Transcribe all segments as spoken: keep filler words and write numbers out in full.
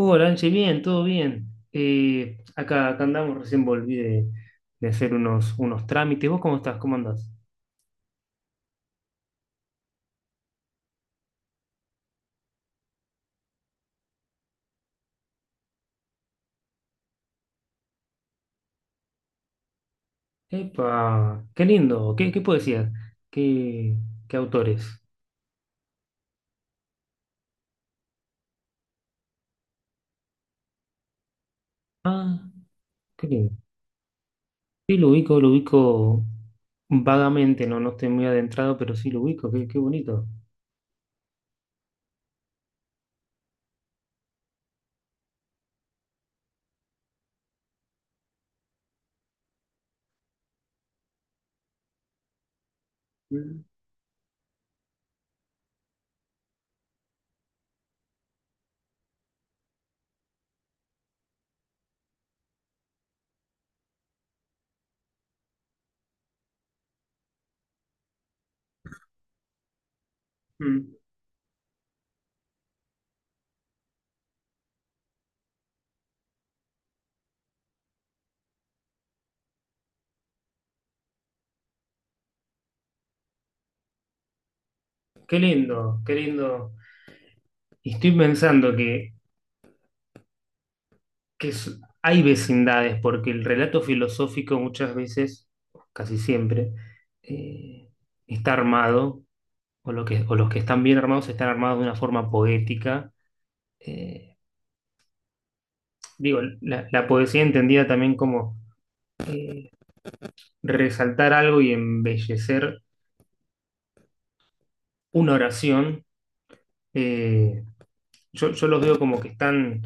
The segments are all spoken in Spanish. Hola, Anche, bien, todo bien. Eh, acá, acá andamos, recién volví de, de hacer unos, unos trámites. ¿Vos cómo estás? ¿Cómo andás? Epa, qué lindo. ¿Qué, qué poesía? ¿Qué, qué autores? Ah, qué lindo. Sí, lo ubico, lo ubico vagamente, no, no estoy muy adentrado, pero sí lo ubico, qué, qué bonito. Mm, mm. Qué lindo, qué lindo. Y estoy pensando que que es- hay vecindades, porque el relato filosófico muchas veces, casi siempre, eh, está armado, o, lo que, o los que están bien armados están armados de una forma poética. eh, Digo, la, la poesía entendida también como eh, resaltar algo y embellecer una oración. eh, yo, yo los veo como que están,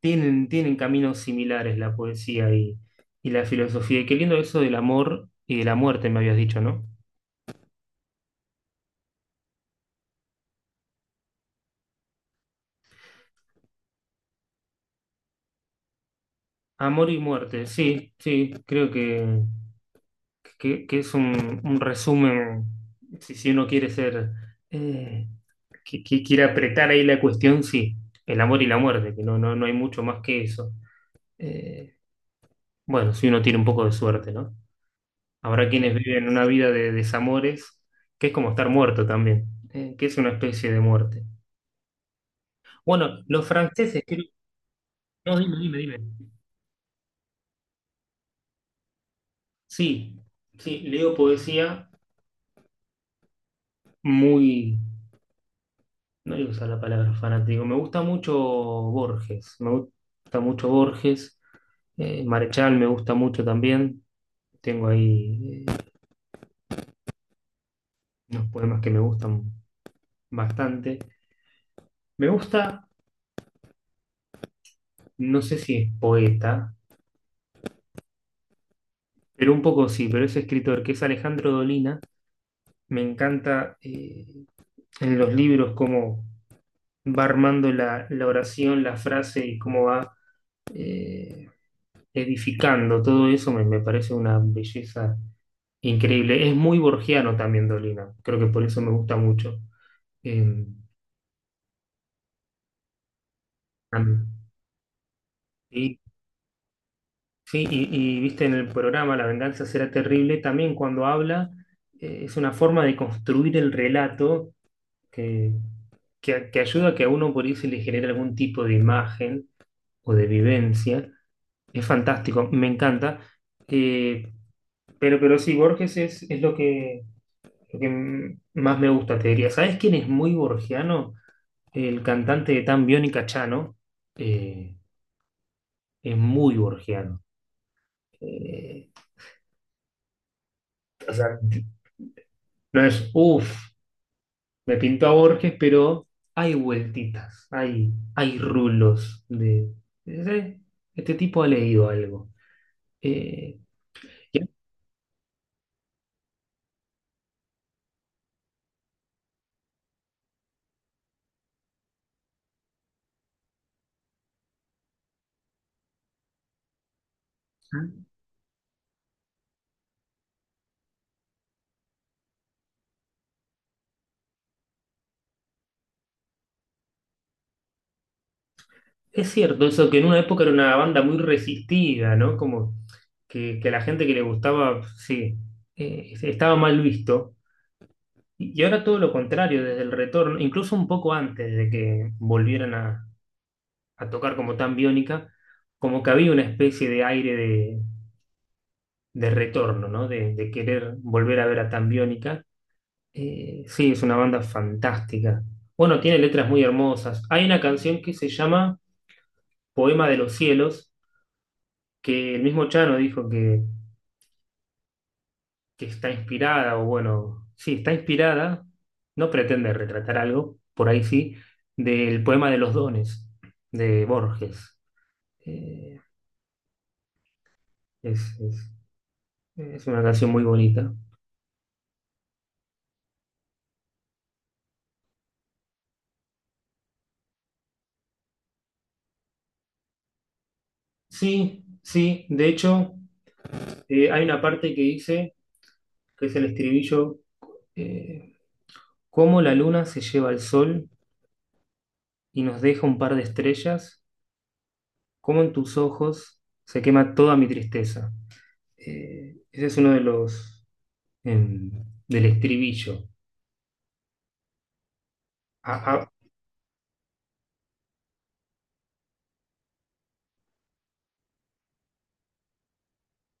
tienen, tienen caminos similares la poesía y, y la filosofía. Y qué lindo eso del amor y de la muerte, me habías dicho, ¿no? Amor y muerte, sí, sí, creo que, que, que es un, un resumen, si, si uno quiere ser, eh, que, que quiere apretar ahí la cuestión, sí, el amor y la muerte, que no, no, no hay mucho más que eso. Eh, bueno, si uno tiene un poco de suerte, ¿no? Habrá quienes viven una vida de desamores, que es como estar muerto también, eh, que es una especie de muerte. Bueno, los franceses, creo. No, dime, dime, dime. Sí, sí, leo poesía muy... No voy a usar la palabra fanático. Me gusta mucho Borges. Me gusta mucho Borges. Eh, Marechal me gusta mucho también. Tengo ahí eh, unos poemas que me gustan bastante. Me gusta, no sé si es poeta, pero un poco sí, pero es escritor, que es Alejandro Dolina. Me encanta eh, en los libros cómo va armando la, la oración, la frase y cómo va eh, edificando. Todo eso me, me parece una belleza increíble. Es muy borgiano también Dolina. Creo que por eso me gusta mucho. Eh, También. Y, sí, y, y viste en el programa La venganza será terrible, también cuando habla, eh, es una forma de construir el relato que, que, que ayuda a que a uno por ahí se le genere algún tipo de imagen o de vivencia. Es fantástico, me encanta. Eh, pero, pero sí, Borges es, es lo que, lo que más me gusta, te diría. ¿Sabes quién es muy borgiano? El cantante de Tan Bión y Cachano eh, es muy borgiano. Eh, o sea, no es, uff, me pintó a Borges, pero hay vueltitas, hay, hay rulos de, de- este tipo ha leído algo. Eh, y- es cierto, eso que en una época era una banda muy resistida, ¿no? Como que, que a la gente que le gustaba, sí, eh, estaba mal visto. Y y ahora todo lo contrario, desde el retorno, incluso un poco antes de que volvieran a, a tocar como tan biónica, como que había una especie de aire de, de retorno, ¿no? De, de querer volver a ver a tan biónica. Eh, sí, es una banda fantástica. Bueno, tiene letras muy hermosas. Hay una canción que se llama Poema de los Cielos, que el mismo Chano dijo que que está inspirada, o bueno, sí, está inspirada, no pretende retratar algo, por ahí sí, del poema de los dones de Borges. Eh, es, es- es una canción muy bonita. Sí, sí, de hecho, eh, hay una parte que dice, que es el estribillo, eh, cómo la luna se lleva al sol y nos deja un par de estrellas, cómo en tus ojos se quema toda mi tristeza. Eh, ese es uno de los en- del estribillo. A- a-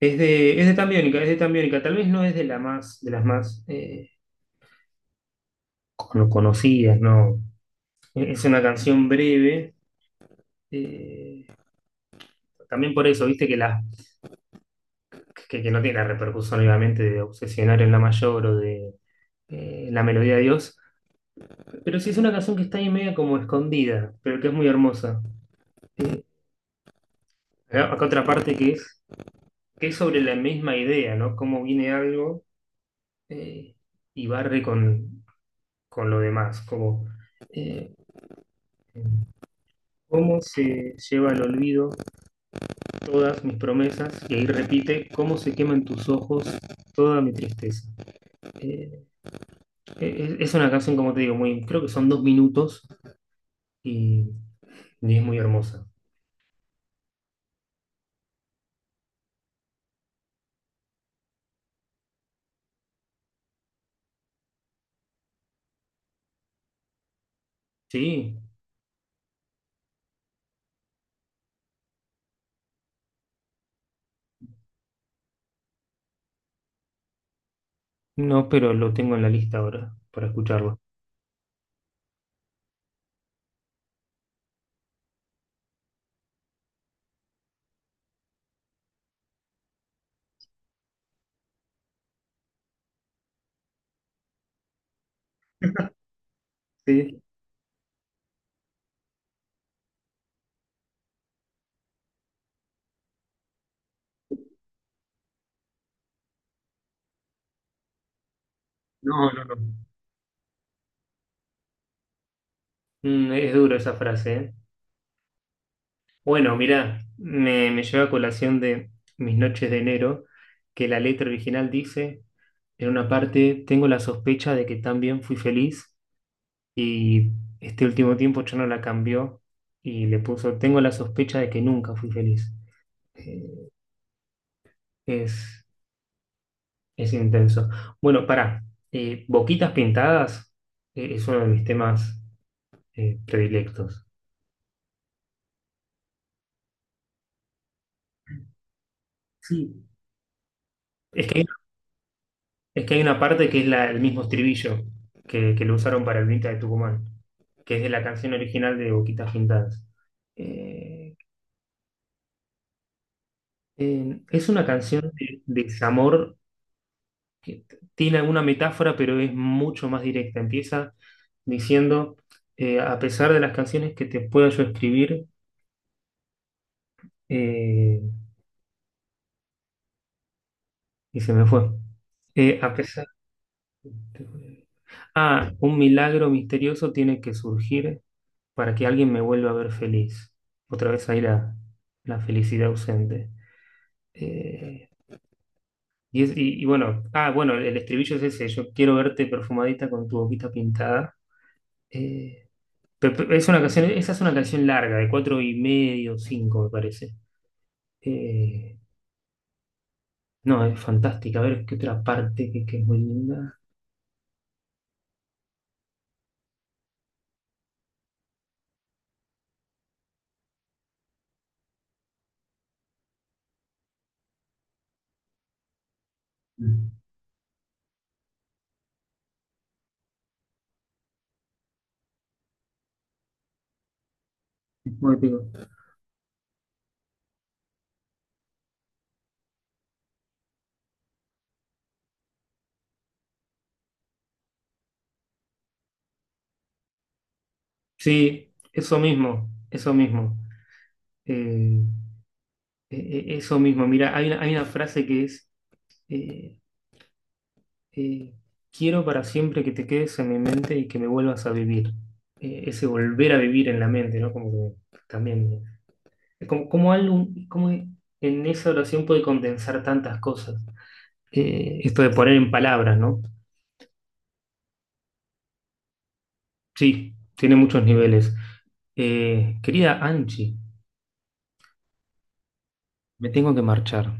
es de, es de Tambiónica, es de Tambiónica. Tal vez no es de, la más, de las más eh, cono- conocidas, ¿no? E, Es una canción breve. eh, También por eso, viste, que, la, que, que no tiene la repercusión, obviamente, de Obsesionar en la mayor o de eh, La melodía de Dios. Pero sí es una canción que está ahí media como escondida, pero que es muy hermosa. Eh, acá acá otra parte que es, que es, sobre la misma idea, ¿no? Cómo viene algo eh, y barre con, con lo demás, como eh, cómo se lleva al olvido todas mis promesas, y ahí repite, cómo se queman tus ojos toda mi tristeza. Eh, es, es una canción, como te digo, muy, creo que son dos minutos y, y es muy hermosa. Sí, no, pero lo tengo en la lista ahora para escucharlo. Sí. No, no, no. Mm, es duro esa frase, ¿eh? Bueno, mirá, me, me lleva a colación de Mis noches de enero, que la letra original dice, en una parte tengo la sospecha de que también fui feliz y este último tiempo yo no la cambió y le puso, tengo la sospecha de que nunca fui feliz. Eh, es, es intenso. Bueno, pará, eh, Boquitas Pintadas eh, es uno de mis temas eh, predilectos. Sí. Es que hay, es que hay una parte que es la, el mismo estribillo que, que lo usaron para el Vinta de Tucumán, que es de la canción original de Boquitas Pintadas. Eh, Eh, es una canción de, de desamor que t- tiene alguna metáfora, pero es mucho más directa. Empieza diciendo, eh, a pesar de las canciones que te pueda yo escribir, eh, y se me fue. Eh, a pesar. Ah, un milagro misterioso tiene que surgir para que alguien me vuelva a ver feliz. Otra vez ahí la, la felicidad ausente. Eh, y, es- y- y bueno, ah, bueno, el estribillo es ese, yo quiero verte perfumadita con tu boquita pintada. Eh, Pe- pe- Es una canción, esa es una canción larga, de cuatro y medio, cinco, me parece. Eh, no, es fantástica. A ver, ¿qué otra parte que, que es muy linda? Mm. Es muy pico. Sí, eso mismo, eso mismo. Eh, e- e- Eso mismo. Mira, hay una, hay una frase que es, eh, eh, quiero para siempre que te quedes en mi mente y que me vuelvas a vivir. Eh, ese volver a vivir en la mente, ¿no? Como que también, eh, como, como algo, como en esa oración puede condensar tantas cosas. Eh, esto de poner en palabras, ¿no? Sí, tiene muchos niveles. Eh, querida Angie, me tengo que marchar.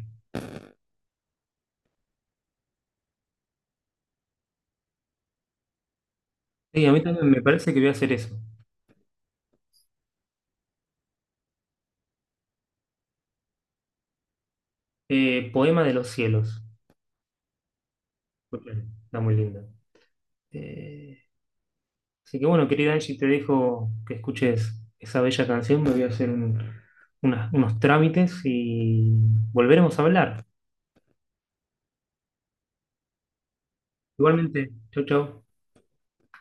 Sí, a mí también me parece que voy a hacer eso. Eh, Poema de los cielos. Escuchen, está muy lindo. Eh, Así que bueno, querida Angie, te dejo que escuches esa bella canción. Me voy a hacer un- unas- unos trámites y volveremos a hablar. Igualmente, chau, chau.